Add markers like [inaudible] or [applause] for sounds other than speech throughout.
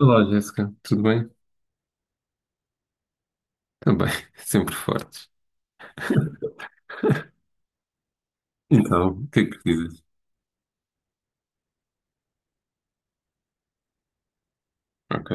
Olá, Jéssica, tudo bem? Também, [laughs] sempre fortes. Então, o que é que dizes? Ok.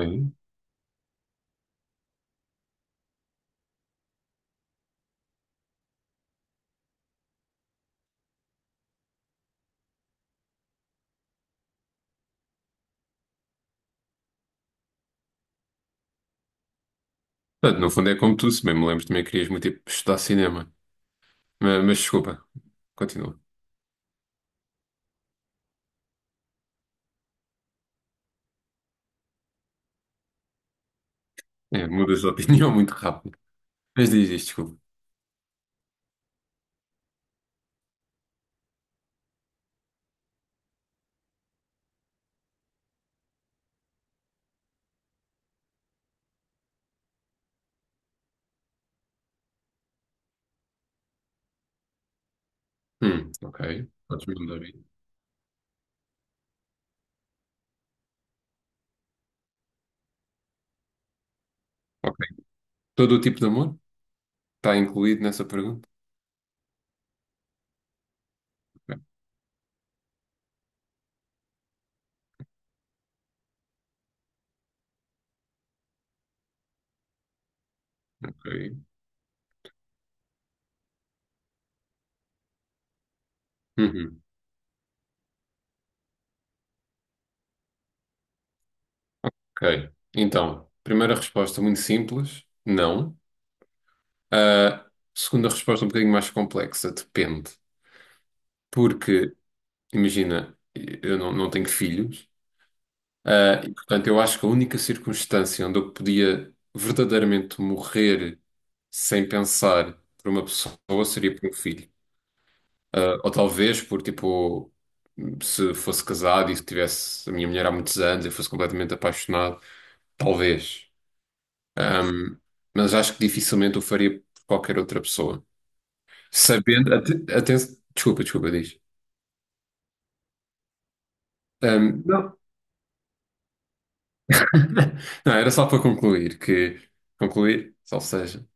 Portanto, no fundo é como tu, se bem me lembro, também querias muito ir estudar cinema. Mas desculpa, continua. É, mudas de opinião [laughs] muito rápido. Mas diz isto, desculpa. Ok. Podes me mandar aí. Ok. Todo o tipo de amor está incluído nessa pergunta? Ok. Uhum, ok. Então, primeira resposta muito simples, não. A segunda resposta um bocadinho mais complexa, depende. Porque imagina, eu não tenho filhos, e portanto eu acho que a única circunstância onde eu podia verdadeiramente morrer sem pensar por uma pessoa seria por um filho. Ah, ou talvez por tipo, se fosse casado e se tivesse a minha mulher há muitos anos e fosse completamente apaixonado, talvez. Ahm, mas acho que dificilmente o faria por qualquer outra pessoa. Sabendo, desculpa, desculpa, diz. Não, [laughs] não, era só para concluir que, concluir, ou seja,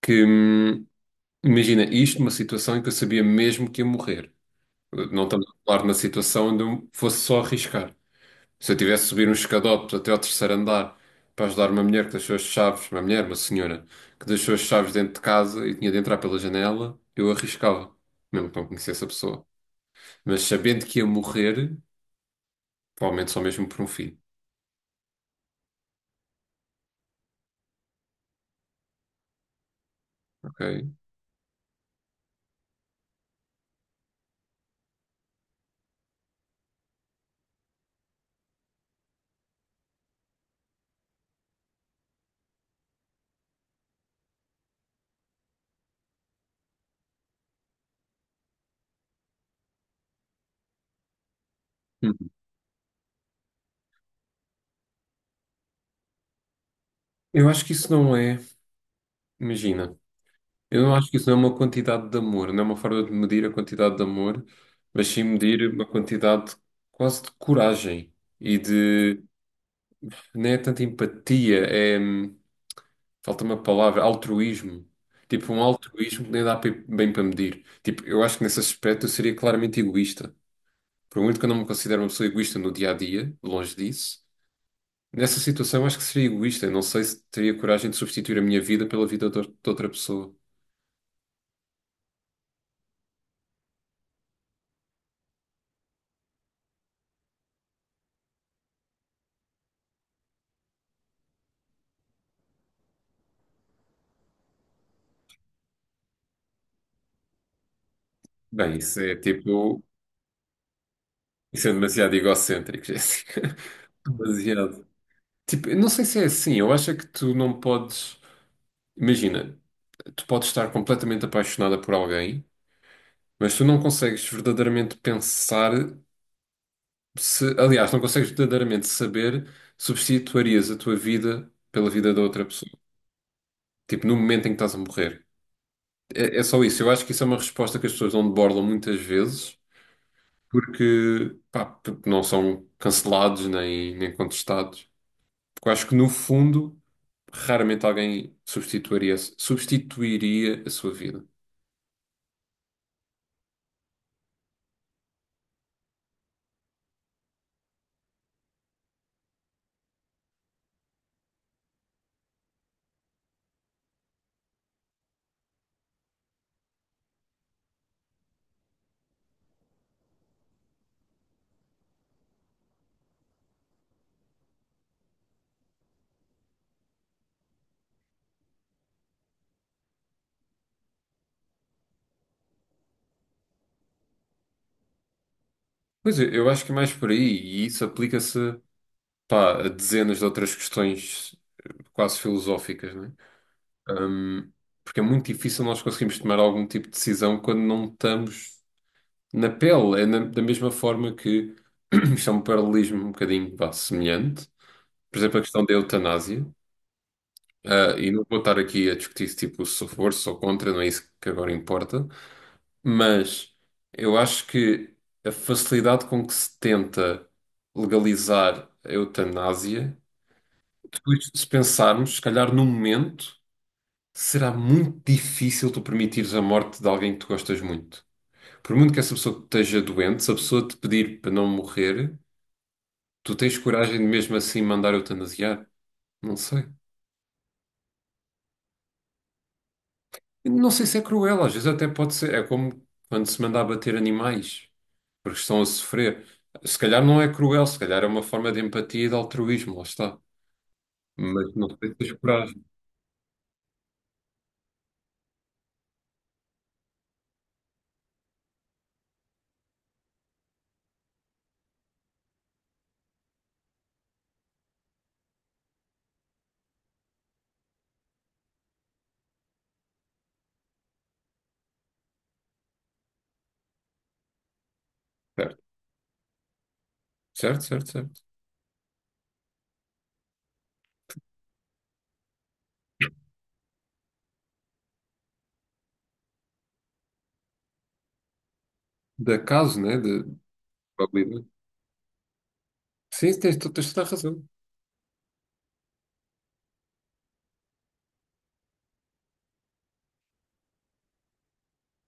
que imagina isto uma situação em que eu sabia mesmo que ia morrer. Não estamos a falar de uma situação onde eu fosse só arriscar. Se eu tivesse de subir uns escadotes até ao terceiro andar para ajudar uma mulher que deixou as chaves, uma mulher, uma senhora, que deixou as chaves dentro de casa e tinha de entrar pela janela, eu arriscava, mesmo que não conhecesse a pessoa. Mas sabendo que ia morrer, provavelmente só mesmo por um filho, ok? Uhum. Eu acho que isso não é, imagina. Eu não acho que isso não é uma quantidade de amor, não é uma forma de medir a quantidade de amor, mas sim medir uma quantidade quase de coragem e de. Nem é tanta empatia, é. Falta uma palavra, altruísmo. Tipo, um altruísmo que nem bem para medir. Tipo, eu acho que nesse aspecto eu seria claramente egoísta. Por muito que eu não me considere uma pessoa egoísta no dia a dia, longe disso, nessa situação eu acho que seria egoísta. Eu não sei se teria coragem de substituir a minha vida pela vida de outra pessoa. Bem, isso é tipo. Isso é demasiado egocêntrico, Jéssica. [laughs] Demasiado. Tipo, eu não sei se é assim. Eu acho é que tu não podes. Imagina, tu podes estar completamente apaixonada por alguém, mas tu não consegues verdadeiramente pensar se. Aliás, não consegues verdadeiramente saber se substituirias a tua vida pela vida da outra pessoa. Tipo, no momento em que estás a morrer. É, é só isso. Eu acho que isso é uma resposta que as pessoas não debordam muitas vezes porque, pá, porque não são cancelados nem contestados. Porque eu acho que no fundo raramente alguém substituiria a sua vida. Pois eu acho que é mais por aí, e isso aplica-se, pá, a dezenas de outras questões quase filosóficas, né? Hum, porque é muito difícil nós conseguirmos tomar algum tipo de decisão quando não estamos na pele. Da mesma forma que [clears throat] isto é um paralelismo um bocadinho, vá, semelhante. Por exemplo, a questão da eutanásia. Ah, e não vou estar aqui a discutir tipo, se tipo, se sou contra, não é isso que agora importa. Mas eu acho que a facilidade com que se tenta legalizar a eutanásia, depois, se pensarmos, se calhar num momento, será muito difícil tu permitires a morte de alguém que tu gostas muito. Por muito que essa pessoa esteja doente, se a pessoa te pedir para não morrer, tu tens coragem de mesmo assim mandar eutanasiar? Não sei. Não sei se é cruel, às vezes até pode ser. É como quando se manda abater animais, porque estão a sofrer. Se calhar não é cruel, se calhar é uma forma de empatia e de altruísmo, lá está. Mas não sei se tens coragem. Certo, certo, certo, certo. De acaso, né? De probabilidade. Sim, tens, tens toda a razão.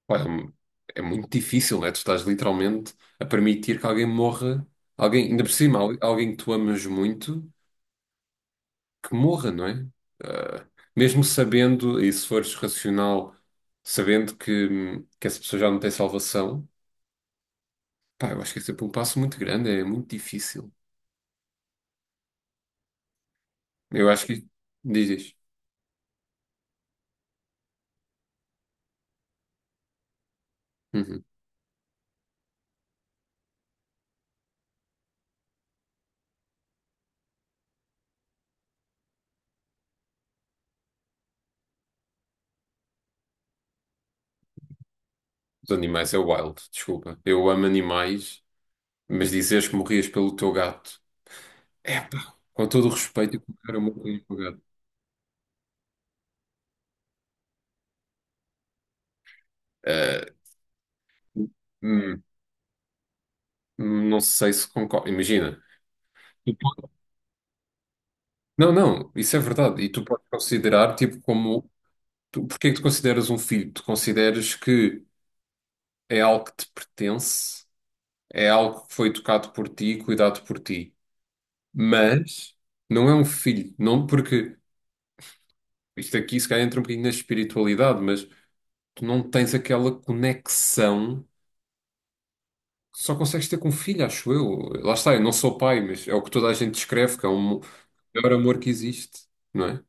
Pá, é muito difícil, né? Tu estás literalmente a permitir que alguém morra, alguém, ainda por cima, alguém que tu amas muito. Que morra, não é? Ah, mesmo sabendo, e se fores racional, sabendo que essa pessoa já não tem salvação, pá, eu acho que é sempre um passo muito grande, é muito difícil. Eu acho que diz isto. Uhum. Os animais é wild, desculpa. Eu amo animais, mas dizeres que morrias pelo teu gato, é pá, com todo o respeito eu quero morrer pelo meu gato. Ah, hum, não sei se concordo. Imagina. Tu po- Não, não, isso é verdade. E tu podes considerar tipo como tu, porque é que tu consideras um filho? Tu consideras que é algo que te pertence, é algo que foi tocado por ti, e cuidado por ti. Mas não é um filho, não porque isto aqui se calhar entra um bocadinho na espiritualidade, mas tu não tens aquela conexão que só consegues ter com um filho, acho eu. Lá está, eu não sou pai, mas é o que toda a gente descreve, que é o maior amor que existe, não é?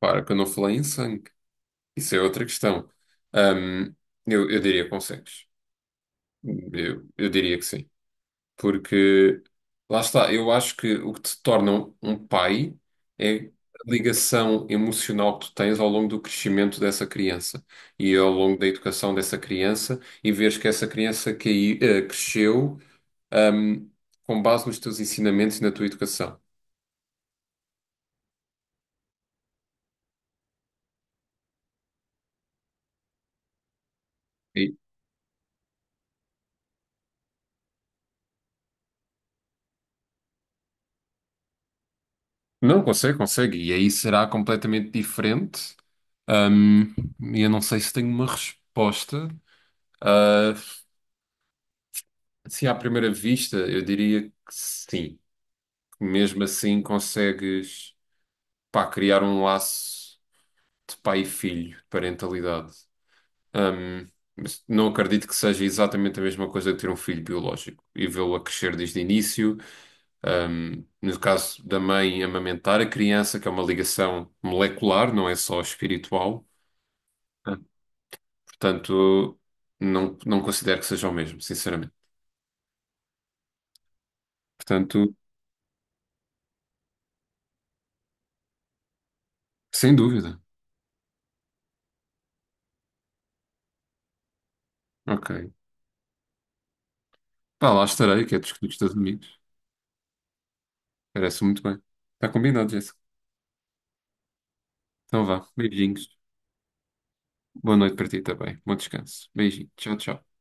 Para que eu não falei em sangue. Isso é outra questão. Ahm, eu diria que consegues. Eu diria que sim. Porque lá está, eu acho que o que te torna um pai é a ligação emocional que tu tens ao longo do crescimento dessa criança e ao longo da educação dessa criança e vês que essa criança que, cresceu, ahm, com base nos teus ensinamentos e na tua educação. E- não, consegue, consegue. E aí será completamente diferente. Ahm, e eu não sei se tenho uma resposta. Ah, se à primeira vista, eu diria que sim. Mesmo assim consegues, pá, criar um laço de pai e filho, de parentalidade. Ahm, mas não acredito que seja exatamente a mesma coisa que ter um filho biológico e vê-lo a crescer desde o início. No caso da mãe, amamentar a criança, que é uma ligação molecular, não é só espiritual. Ah, portanto, não, não considero que seja o mesmo, sinceramente. Portanto, sem dúvida. Ok. Pá, lá estarei, que é discutir dos Estados Unidos. Parece muito bem. Está combinado, Jéssica. Então vá, beijinhos. Boa noite para ti também. Bom descanso. Beijinho. Tchau, tchau.